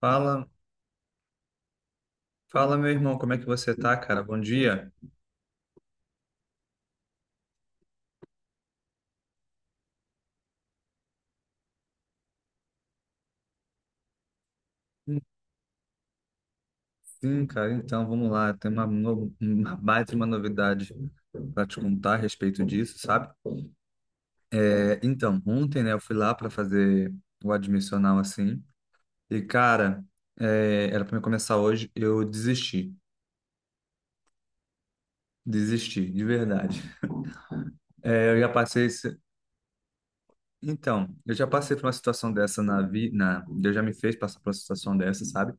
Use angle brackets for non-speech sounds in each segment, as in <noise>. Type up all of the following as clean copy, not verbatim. Fala, fala meu irmão, como é que você tá, cara? Bom dia. Sim, cara, então vamos lá. Tem uma, no- uma baita de uma novidade para te contar a respeito disso, sabe? É, então, ontem, né, eu fui lá para fazer o admissional assim. E, cara, é, era para me começar hoje, eu desisti. Desisti, de verdade. É, eu já passei. Então, eu já passei por uma situação dessa na vida. Deus já me fez passar por uma situação dessa, sabe?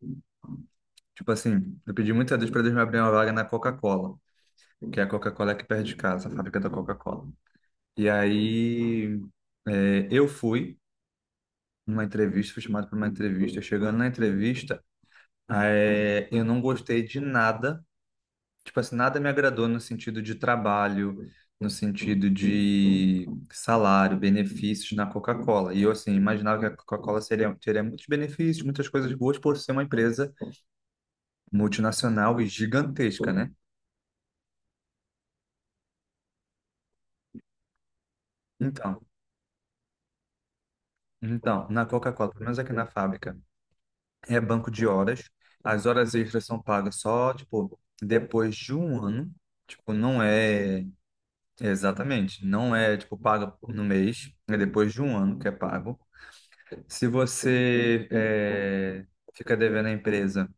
Tipo assim, eu pedi muito a Deus para Deus me abrir uma vaga na Coca-Cola, que é a Coca-Cola aqui perto de casa, a fábrica da Coca-Cola. E aí é, eu fui numa entrevista, fui chamado para uma entrevista. Chegando na entrevista, é, eu não gostei de nada, tipo assim, nada me agradou no sentido de trabalho, no sentido de salário, benefícios na Coca-Cola. E eu assim imaginava que a Coca-Cola seria, teria muitos benefícios, muitas coisas boas por ser uma empresa multinacional e gigantesca, né? Então, então, na Coca-Cola, pelo menos aqui na fábrica. É banco de horas. As horas extras são pagas só, tipo, depois de um ano. Tipo, não é exatamente, não é tipo paga no mês, é depois de um ano que é pago. Se você é, fica devendo à empresa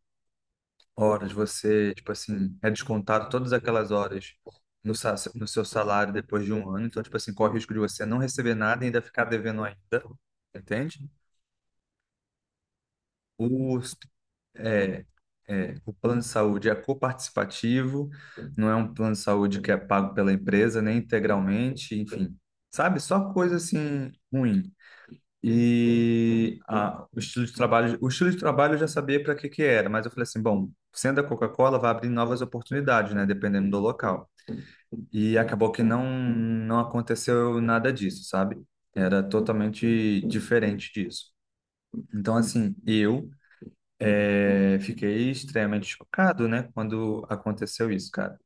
horas, você, tipo assim, é descontado todas aquelas horas no seu salário depois de um ano. Então, tipo assim, corre o risco de você não receber nada e ainda ficar devendo ainda, entende? O é, é, o plano de saúde é coparticipativo, não é um plano de saúde que é pago pela empresa, nem integralmente, enfim, sabe? Só coisa assim ruim. E o estilo de trabalho, o estilo de trabalho eu já sabia para que que era, mas eu falei assim, bom, sendo a Coca-Cola, vai abrir novas oportunidades, né? Dependendo do local. E acabou que não, não aconteceu nada disso, sabe? Era totalmente diferente disso. Então, assim, eu é, fiquei extremamente chocado, né, quando aconteceu isso, cara.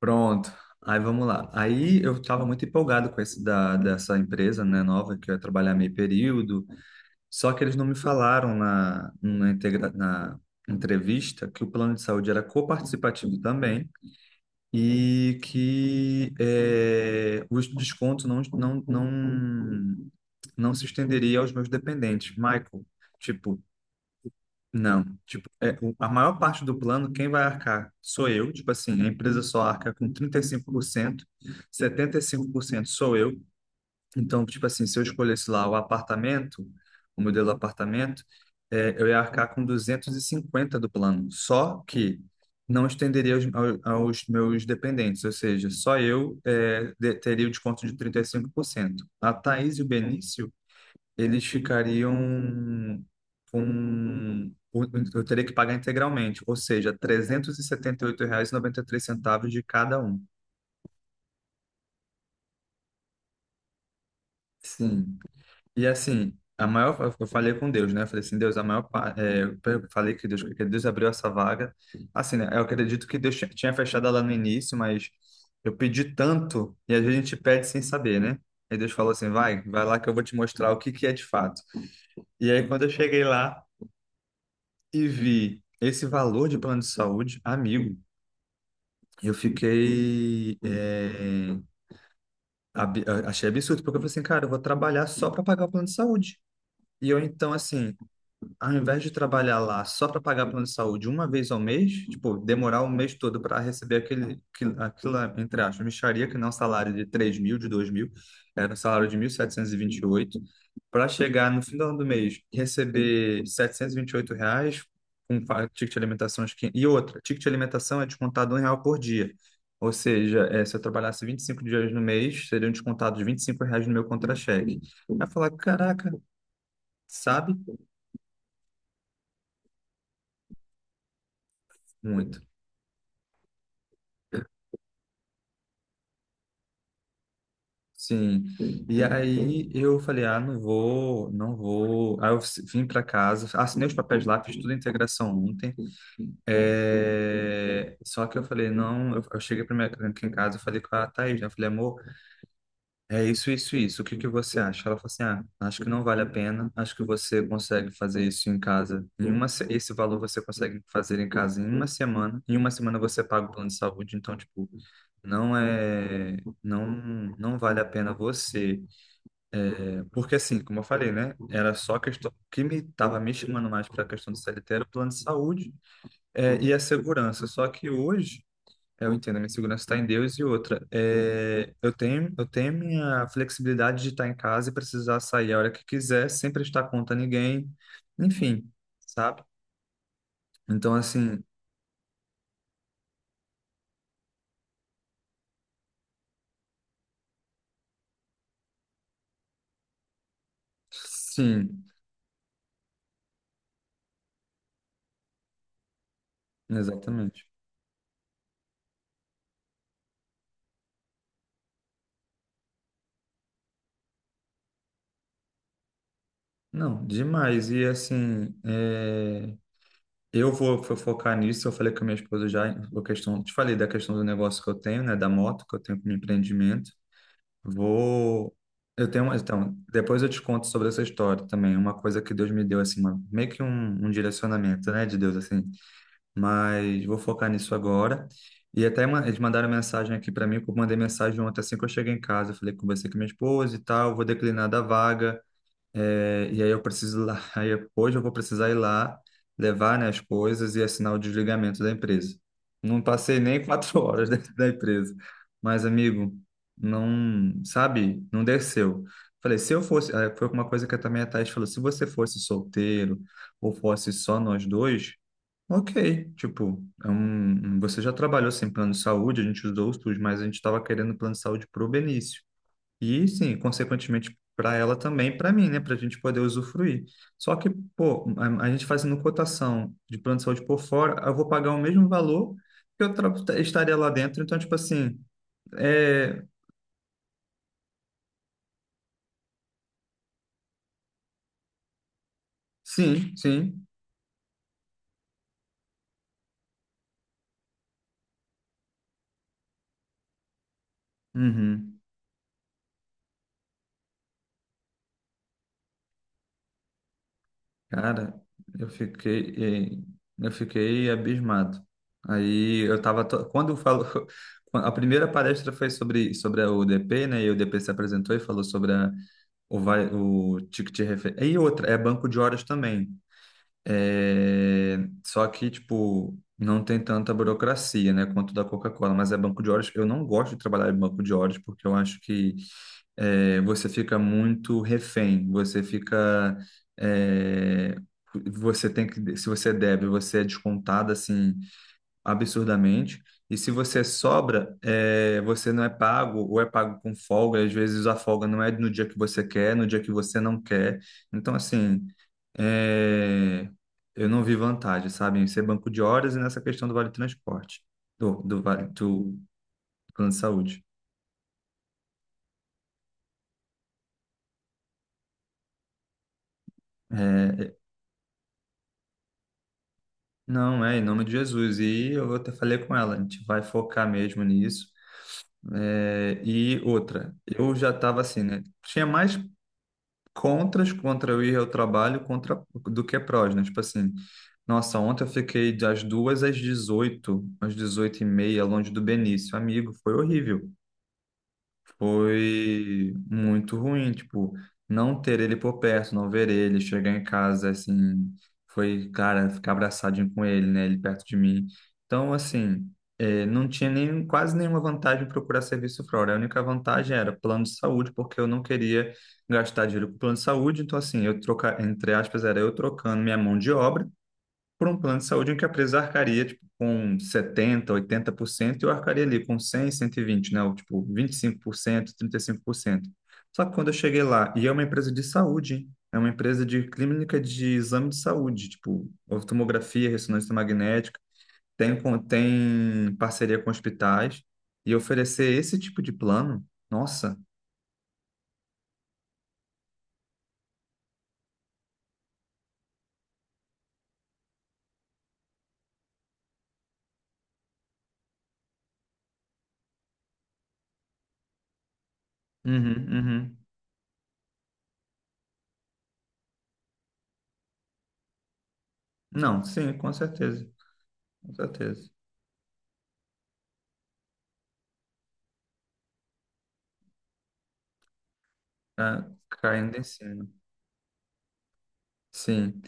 Pronto, aí vamos lá. Aí eu estava muito empolgado com esse da, dessa empresa, né, nova, que eu ia trabalhar meio período, só que eles não me falaram na, na, integra, na entrevista que o plano de saúde era coparticipativo também e que é, o desconto não se estenderia aos meus dependentes. Michael, tipo, não, tipo, é, a maior parte do plano, quem vai arcar sou eu, tipo assim, a empresa só arca com 35%, 75% sou eu. Então, tipo assim, se eu escolhesse lá o apartamento, o modelo apartamento, é, eu ia arcar com 250 do plano. Só que não estenderia aos meus dependentes, ou seja, só eu é, teria o desconto de 35%. A Thaís e o Benício eles ficariam com. Eu teria que pagar integralmente, ou seja, trezentos e setenta oito reais e noventa e três centavos de cada um. Sim. E assim, a maior, eu falei com Deus, né? Eu falei assim, Deus, a maior, é, eu falei que Deus abriu essa vaga. Assim, né? Eu acredito que Deus tinha fechado ela no início, mas eu pedi tanto e às vezes a gente pede sem saber, né? Aí Deus falou assim, vai, vai lá que eu vou te mostrar o que que é de fato. E aí quando eu cheguei lá e vi esse valor de plano de saúde, amigo, eu fiquei. É, achei absurdo, porque eu falei assim, cara, eu vou trabalhar só para pagar o plano de saúde. E eu, então, assim, ao invés de trabalhar lá só para pagar plano de saúde uma vez ao mês, tipo, demorar o mês todo para receber aquele, aquilo, aquela, entre aspas, mixaria, que não é um salário de 3 mil, de 2 mil, era um salário de mil setecentos e vinte e oito, para chegar no final do mês e receber R$ 728 com ticket de alimentação. E outra, ticket de alimentação é descontado R$ 1 por dia. Ou seja, eh, se eu trabalhasse 25 dias no mês, seriam descontados R$ 25 no meu contra-cheque. Vai falar, caraca, sabe? Muito. Sim. E aí eu falei, ah, não vou, não vou. Aí eu vim para casa, assinei os papéis lá, fiz tudo a integração ontem. É, só que eu falei, não, eu cheguei para minha aqui em casa, eu falei com a Thaís, né? Eu falei, amor, é isso, isso, isso. O que que você acha? Ela falou assim, ah, acho que não vale a pena. Acho que você consegue fazer isso em casa. Em uma, se- esse valor você consegue fazer em casa em uma semana. Em uma semana você paga o plano de saúde. Então, tipo, não é, não, não vale a pena você. Porque assim, como eu falei, né? Era só a questão o que me estava me chamando mais para a questão do CLT era o plano de saúde é, e a segurança. Só que hoje é, eu entendo, a minha segurança está em Deus e outra. É, eu tenho minha flexibilidade de estar em casa e precisar sair a hora que quiser, sem prestar conta a ninguém, enfim, sabe? Então, assim, sim, exatamente. Não, demais. E assim, é, eu vou focar nisso. Eu falei com a minha esposa já, a questão, te falei da questão do negócio que eu tenho, né, da moto que eu tenho como empreendimento. Vou, eu tenho, então, depois eu te conto sobre essa história também. Uma coisa que Deus me deu assim, uma, meio que um direcionamento, né, de Deus assim. Mas vou focar nisso agora. E até eles mandaram mensagem aqui para mim, que eu mandei mensagem ontem assim que eu cheguei em casa. Eu falei, conversei com minha esposa e tal, vou declinar da vaga. É, e aí eu preciso ir lá, <laughs> hoje eu vou precisar ir lá levar, né, as coisas e assinar o desligamento da empresa. Não passei nem 4 <laughs> horas dentro da empresa, mas amigo, não, sabe, não desceu. Falei, se eu fosse, aí foi uma coisa que também a Thaís falou, se você fosse solteiro ou fosse só nós dois, ok, tipo, é um, você já trabalhou sem plano de saúde, a gente usou os SUS, mas a gente estava querendo plano de saúde pro Benício. E sim, consequentemente para ela também, para mim, né, para a gente poder usufruir. Só que, pô, a gente fazendo cotação de plano de saúde por fora, eu vou pagar o mesmo valor que eu estaria lá dentro. Então, tipo assim, é, sim, sim. Uhum. Cara, eu fiquei, é, eu fiquei abismado. Aí eu tava, quando eu falo, <laughs> a primeira palestra foi sobre a UDP, né? E o UDP se apresentou e falou sobre a O, vai, o ticket referência. E outra, é banco de horas também. É, só que, tipo, não tem tanta burocracia, né, quanto da Coca-Cola, mas é banco de horas. Eu não gosto de trabalhar em banco de horas porque eu acho que é, você fica muito refém, você fica. É, você tem que, se você deve, você é descontado assim absurdamente. E se você sobra, é, você não é pago, ou é pago com folga, e às vezes a folga não é no dia que você quer, no dia que você não quer. Então, assim, é, eu não vi vantagem, sabe, em ser banco de horas e nessa questão do vale transporte, do vale do plano de saúde. É, não, é em nome de Jesus. E eu até falei com ela, a gente vai focar mesmo nisso. É, e outra, eu já estava assim, né? Tinha mais contras contra o ir ao trabalho contra do que é prós, né? Tipo assim, nossa, ontem eu fiquei das 2 às 18, às 18h30, longe do Benício. Amigo, foi horrível, foi muito ruim, tipo, não ter ele por perto, não ver ele, chegar em casa, assim, foi, cara, ficar abraçadinho com ele, né, ele perto de mim. Então, assim, eh, não tinha nem, quase nenhuma vantagem em procurar serviço fora. A única vantagem era plano de saúde, porque eu não queria gastar dinheiro com plano de saúde, então, assim, eu trocar, entre aspas, era eu trocando minha mão de obra por um plano de saúde em que a empresa arcaria tipo, com 70, 80% e eu arcaria ali com 100, 120, né? Ou, tipo, vinte e cinco por cento, trinta e cinco por cento. Só que quando eu cheguei lá, e é uma empresa de saúde, hein? É uma empresa de clínica de exame de saúde, tipo, tomografia, ressonância magnética, tem, tem parceria com hospitais, e oferecer esse tipo de plano, nossa, uhum, uhum. Não, sim, com certeza, com certeza. Tá caindo em cima. Sim.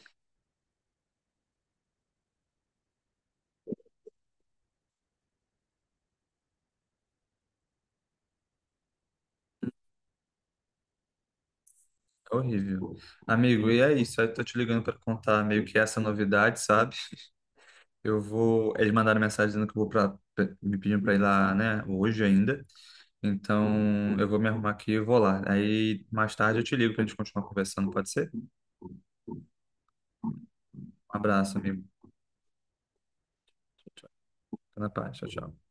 É horrível. Amigo, e é isso. Eu tô te ligando para contar meio que essa novidade, sabe? Eu vou. Eles mandaram mensagem dizendo que eu vou pra. Me pedindo para ir lá, né? Hoje ainda. Então, eu vou me arrumar aqui e vou lá. Aí, mais tarde eu te ligo pra gente continuar conversando, pode ser? Um abraço, amigo. Fica na paz. Tchau, tchau.